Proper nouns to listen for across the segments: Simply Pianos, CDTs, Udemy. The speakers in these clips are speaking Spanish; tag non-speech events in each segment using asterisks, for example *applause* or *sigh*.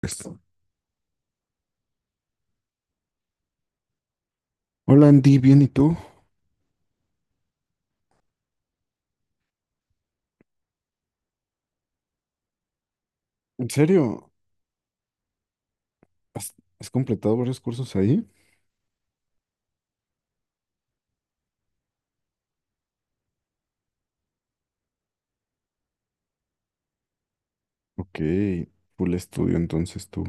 Pues, hola Andy, bien, ¿y tú? ¿En serio? ¿Has, ¿has completado varios cursos ahí? Ok, full estudio entonces tú.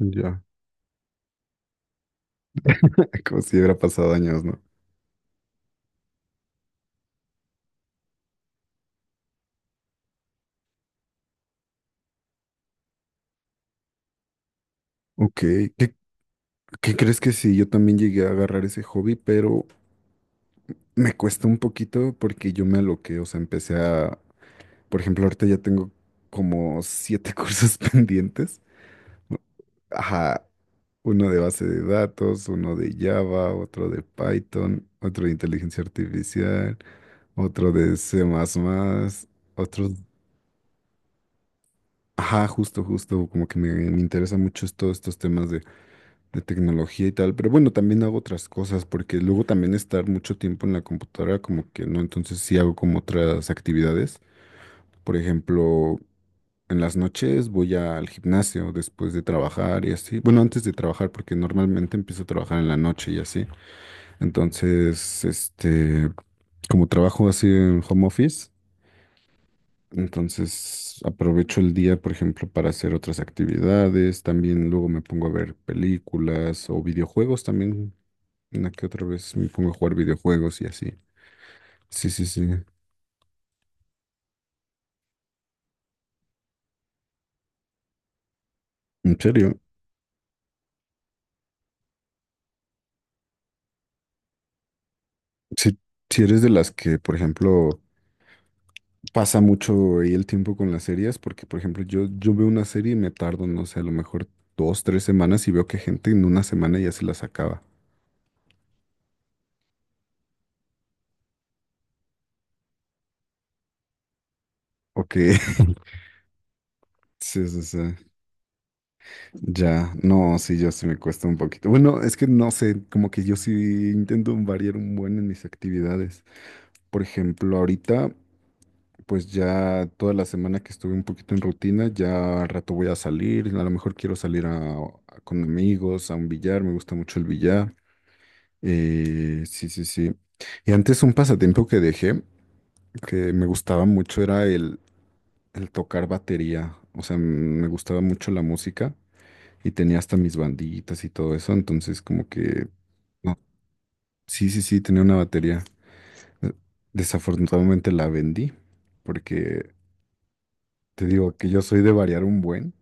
Ya. *laughs* Como si hubiera pasado años, ¿no? Ok, ¿qué, ¿qué crees que sí? Yo también llegué a agarrar ese hobby, pero me cuesta un poquito porque yo me aloqué, o sea, empecé a... Por ejemplo, ahorita ya tengo como siete *laughs* cursos pendientes. ¿No? Ajá, uno de base de datos, uno de Java, otro de Python, otro de inteligencia artificial. Otro de C++, otro... Ajá, justo, justo, como que me interesan mucho es todos estos temas de tecnología y tal, pero bueno, también hago otras cosas, porque luego también estar mucho tiempo en la computadora, como que no, entonces sí hago como otras actividades, por ejemplo, en las noches voy al gimnasio después de trabajar y así, bueno, antes de trabajar, porque normalmente empiezo a trabajar en la noche y así, entonces, este, como trabajo así en home office. Entonces aprovecho el día, por ejemplo, para hacer otras actividades. También luego me pongo a ver películas o videojuegos también. Una que otra vez me pongo a jugar videojuegos y así. Sí, sí, sí. ¿En serio? Si, si eres de las que, por ejemplo, pasa mucho ahí el tiempo con las series, porque, por ejemplo, yo veo una serie y me tardo, no sé, a lo mejor dos, tres semanas y veo que gente en una semana ya se las acaba. Ok. *laughs* Sí, sí, sí. Ya, no, sí, yo sí me cuesta un poquito. Bueno, es que no sé, como que yo sí intento variar un buen en mis actividades. Por ejemplo, ahorita, pues ya toda la semana que estuve un poquito en rutina, ya al rato voy a salir, a lo mejor quiero salir con amigos, a un billar, me gusta mucho el billar. Sí, sí, sí. Y antes un pasatiempo que dejé, que me gustaba mucho, era el tocar batería. O sea, me gustaba mucho la música, y tenía hasta mis banditas y todo eso, entonces como que, no, sí, sí, sí, tenía una batería. Eh, Desafortunadamente la vendí, porque te digo que yo soy de variar un buen,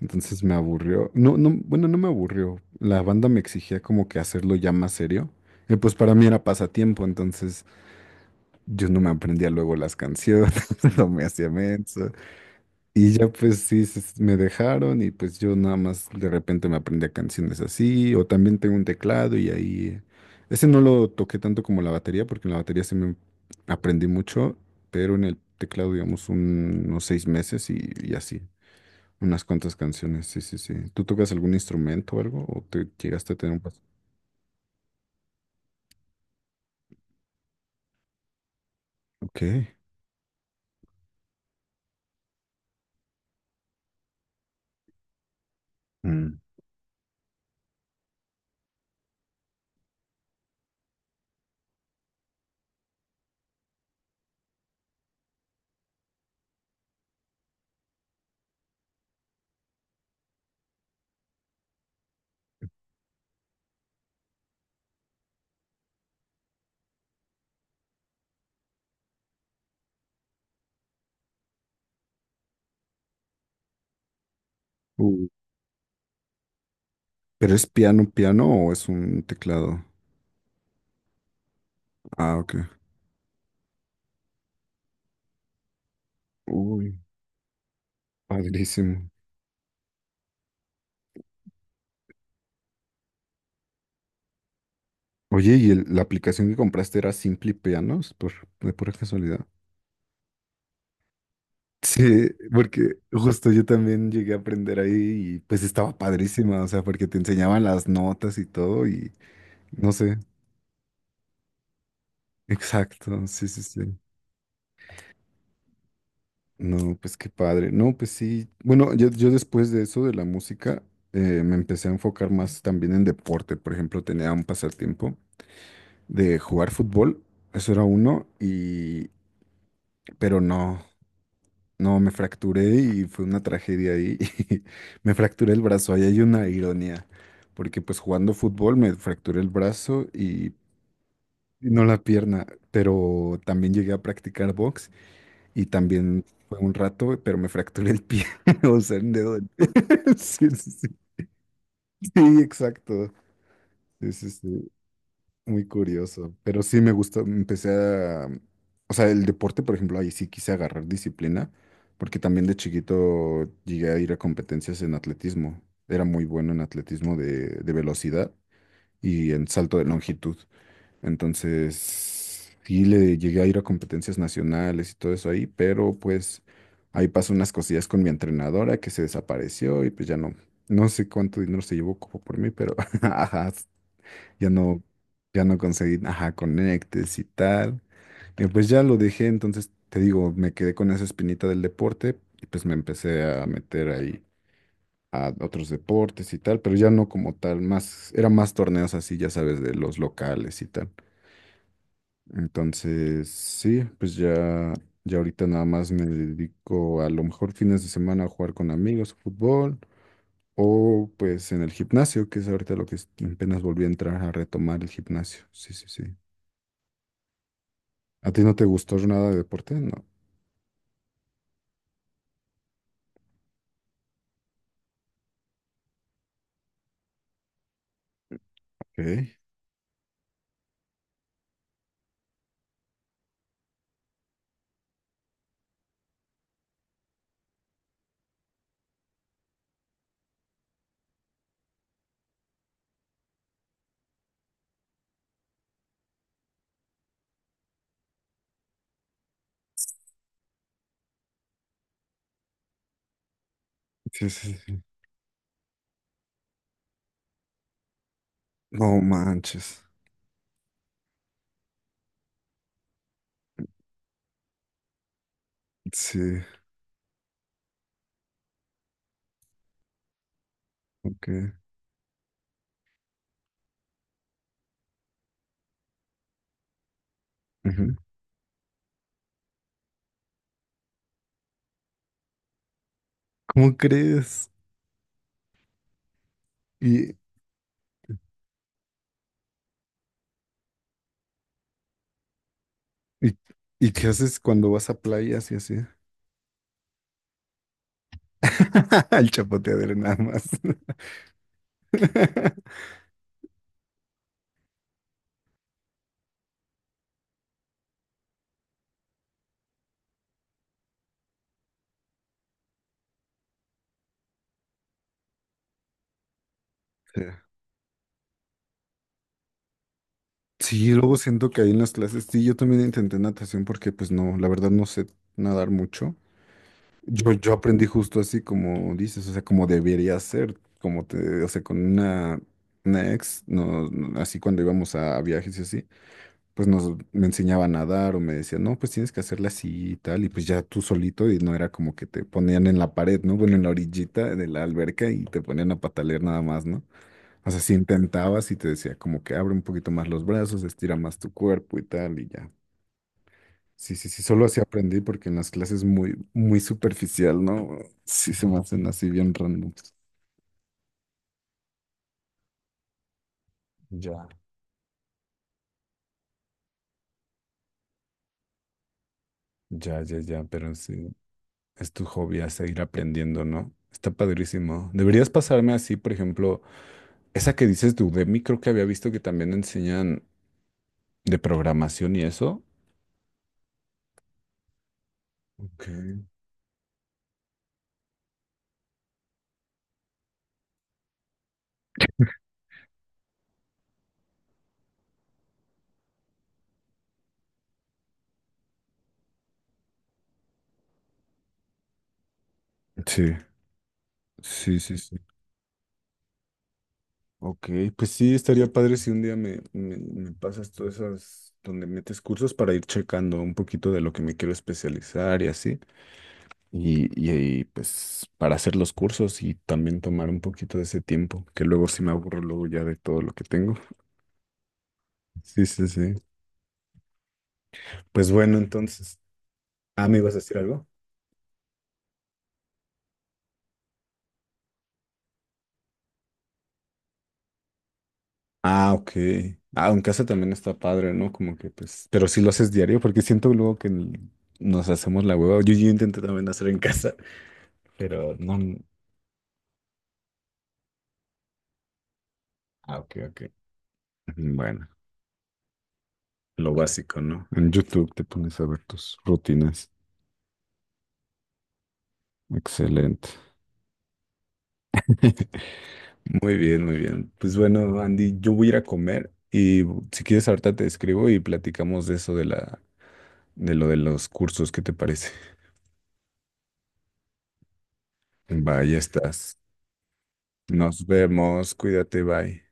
entonces me aburrió. No, no, bueno, no me aburrió. La banda me exigía como que hacerlo ya más serio. Y pues para mí era pasatiempo, entonces yo no me aprendía luego las canciones, *laughs* no me hacía menso. Y ya pues sí, me dejaron y pues yo nada más de repente me aprendía canciones así, o también tengo un teclado y ahí, ese no lo toqué tanto como la batería, porque en la batería se me aprendí mucho, pero en el teclado digamos unos seis meses y así, unas cuantas canciones, sí, sí, sí. ¿Tú tocas algún instrumento o algo? ¿O te llegaste a tener un... pas-? Ok. Mm. Uh, ¿pero es piano, piano o es un teclado? Ah, ok. Uy, padrísimo. Oye, ¿y la aplicación que compraste era Simply Pianos? Por, de pura casualidad. Sí, porque justo yo también llegué a aprender ahí y pues estaba padrísima, o sea, porque te enseñaban las notas y todo y no sé, exacto, sí, sí, sí. No, pues qué padre. No, pues sí. Bueno, yo después de eso de la música me empecé a enfocar más también en deporte. Por ejemplo, tenía un pasatiempo de jugar fútbol, eso era uno, y pero no. No, me fracturé y fue una tragedia ahí. *laughs* Me fracturé el brazo. Ahí hay una ironía, porque pues jugando fútbol me fracturé el brazo y no la pierna, pero también llegué a practicar box y también fue un rato, pero me fracturé el pie, *laughs* o sea, el dedo del pie. *laughs* Sí, sí, sí. Sí, exacto. Sí, sí, sí. Muy curioso, pero sí me gustó, empecé a, o sea, el deporte, por ejemplo, ahí sí quise agarrar disciplina, porque también de chiquito llegué a ir a competencias en atletismo, era muy bueno en atletismo de velocidad y en salto de longitud, entonces sí le llegué a ir a competencias nacionales y todo eso ahí, pero pues ahí pasó unas cosillas con mi entrenadora que se desapareció y pues ya no, no sé cuánto dinero se llevó como por mí, pero *laughs* ajá, ya no, ya no conseguí, ajá, conectes y tal. Y pues ya lo dejé, entonces te digo, me quedé con esa espinita del deporte y pues me empecé a meter ahí a otros deportes y tal, pero ya no como tal, más, eran más torneos así, ya sabes, de los locales y tal. Entonces, sí, pues ya, ya ahorita nada más me dedico a lo mejor fines de semana a jugar con amigos, fútbol, o pues en el gimnasio, que es ahorita lo que apenas volví a entrar a retomar el gimnasio. Sí, sí, sí. ¿A ti no te gustó nada de deporte? No. Ok. Sí, sí, sí. No manches. Sí, ok. Ujú. *laughs* ¿Cómo crees? ¿Y, y, ¿y qué haces cuando vas a playas y así? *laughs* El chapoteadero nada más. *laughs* Sí. Sí, luego siento que ahí en las clases, sí, yo también intenté natación porque pues no, la verdad no sé nadar mucho. Yo aprendí justo así como dices, o sea, como debería ser, como te, o sea, con una ex, no, no, así cuando íbamos a viajes y así, pues nos me enseñaba a nadar o me decía, no, pues tienes que hacerla así y tal, y pues ya tú solito, y no era como que te ponían en la pared, ¿no? Bueno, en la orillita de la alberca y te ponían a patalear nada más, ¿no? O sea, si intentabas y te decía como que abre un poquito más los brazos, estira más tu cuerpo y tal, y ya, sí, sí, sí, solo así aprendí porque en las clases muy, muy superficial, ¿no? Sí se me hacen así bien random. Ya, ya, ya, ya, pero sí, es tu hobby a seguir aprendiendo, ¿no? Está padrísimo. Deberías pasarme así, por ejemplo, esa que dices de Udemy, creo que había visto que también enseñan de programación y eso. Ok. Sí. Sí, sí, sí. Ok, pues sí, estaría padre si un día me pasas todas esas donde metes cursos para ir checando un poquito de lo que me quiero especializar y así. Ahí, pues para hacer los cursos y también tomar un poquito de ese tiempo, que luego sí me aburro luego ya de todo lo que tengo. Sí, sí, sí. Pues bueno, entonces, ah, ¿me ibas a decir algo? Ah, ok. Ah, en casa también está padre, ¿no? Como que pues, pero si lo haces diario, porque siento luego que nos hacemos la hueva. Yo intenté también hacer en casa, pero no. Ah, ok, ok. Bueno, lo básico, ¿no? En YouTube te pones a ver tus rutinas. Excelente. *laughs* Muy bien, muy bien. Pues bueno, Andy, yo voy a ir a comer y si quieres ahorita te escribo y platicamos de eso de la, de lo de los cursos, ¿qué te parece? Va, vaya, estás. Nos vemos, cuídate, bye.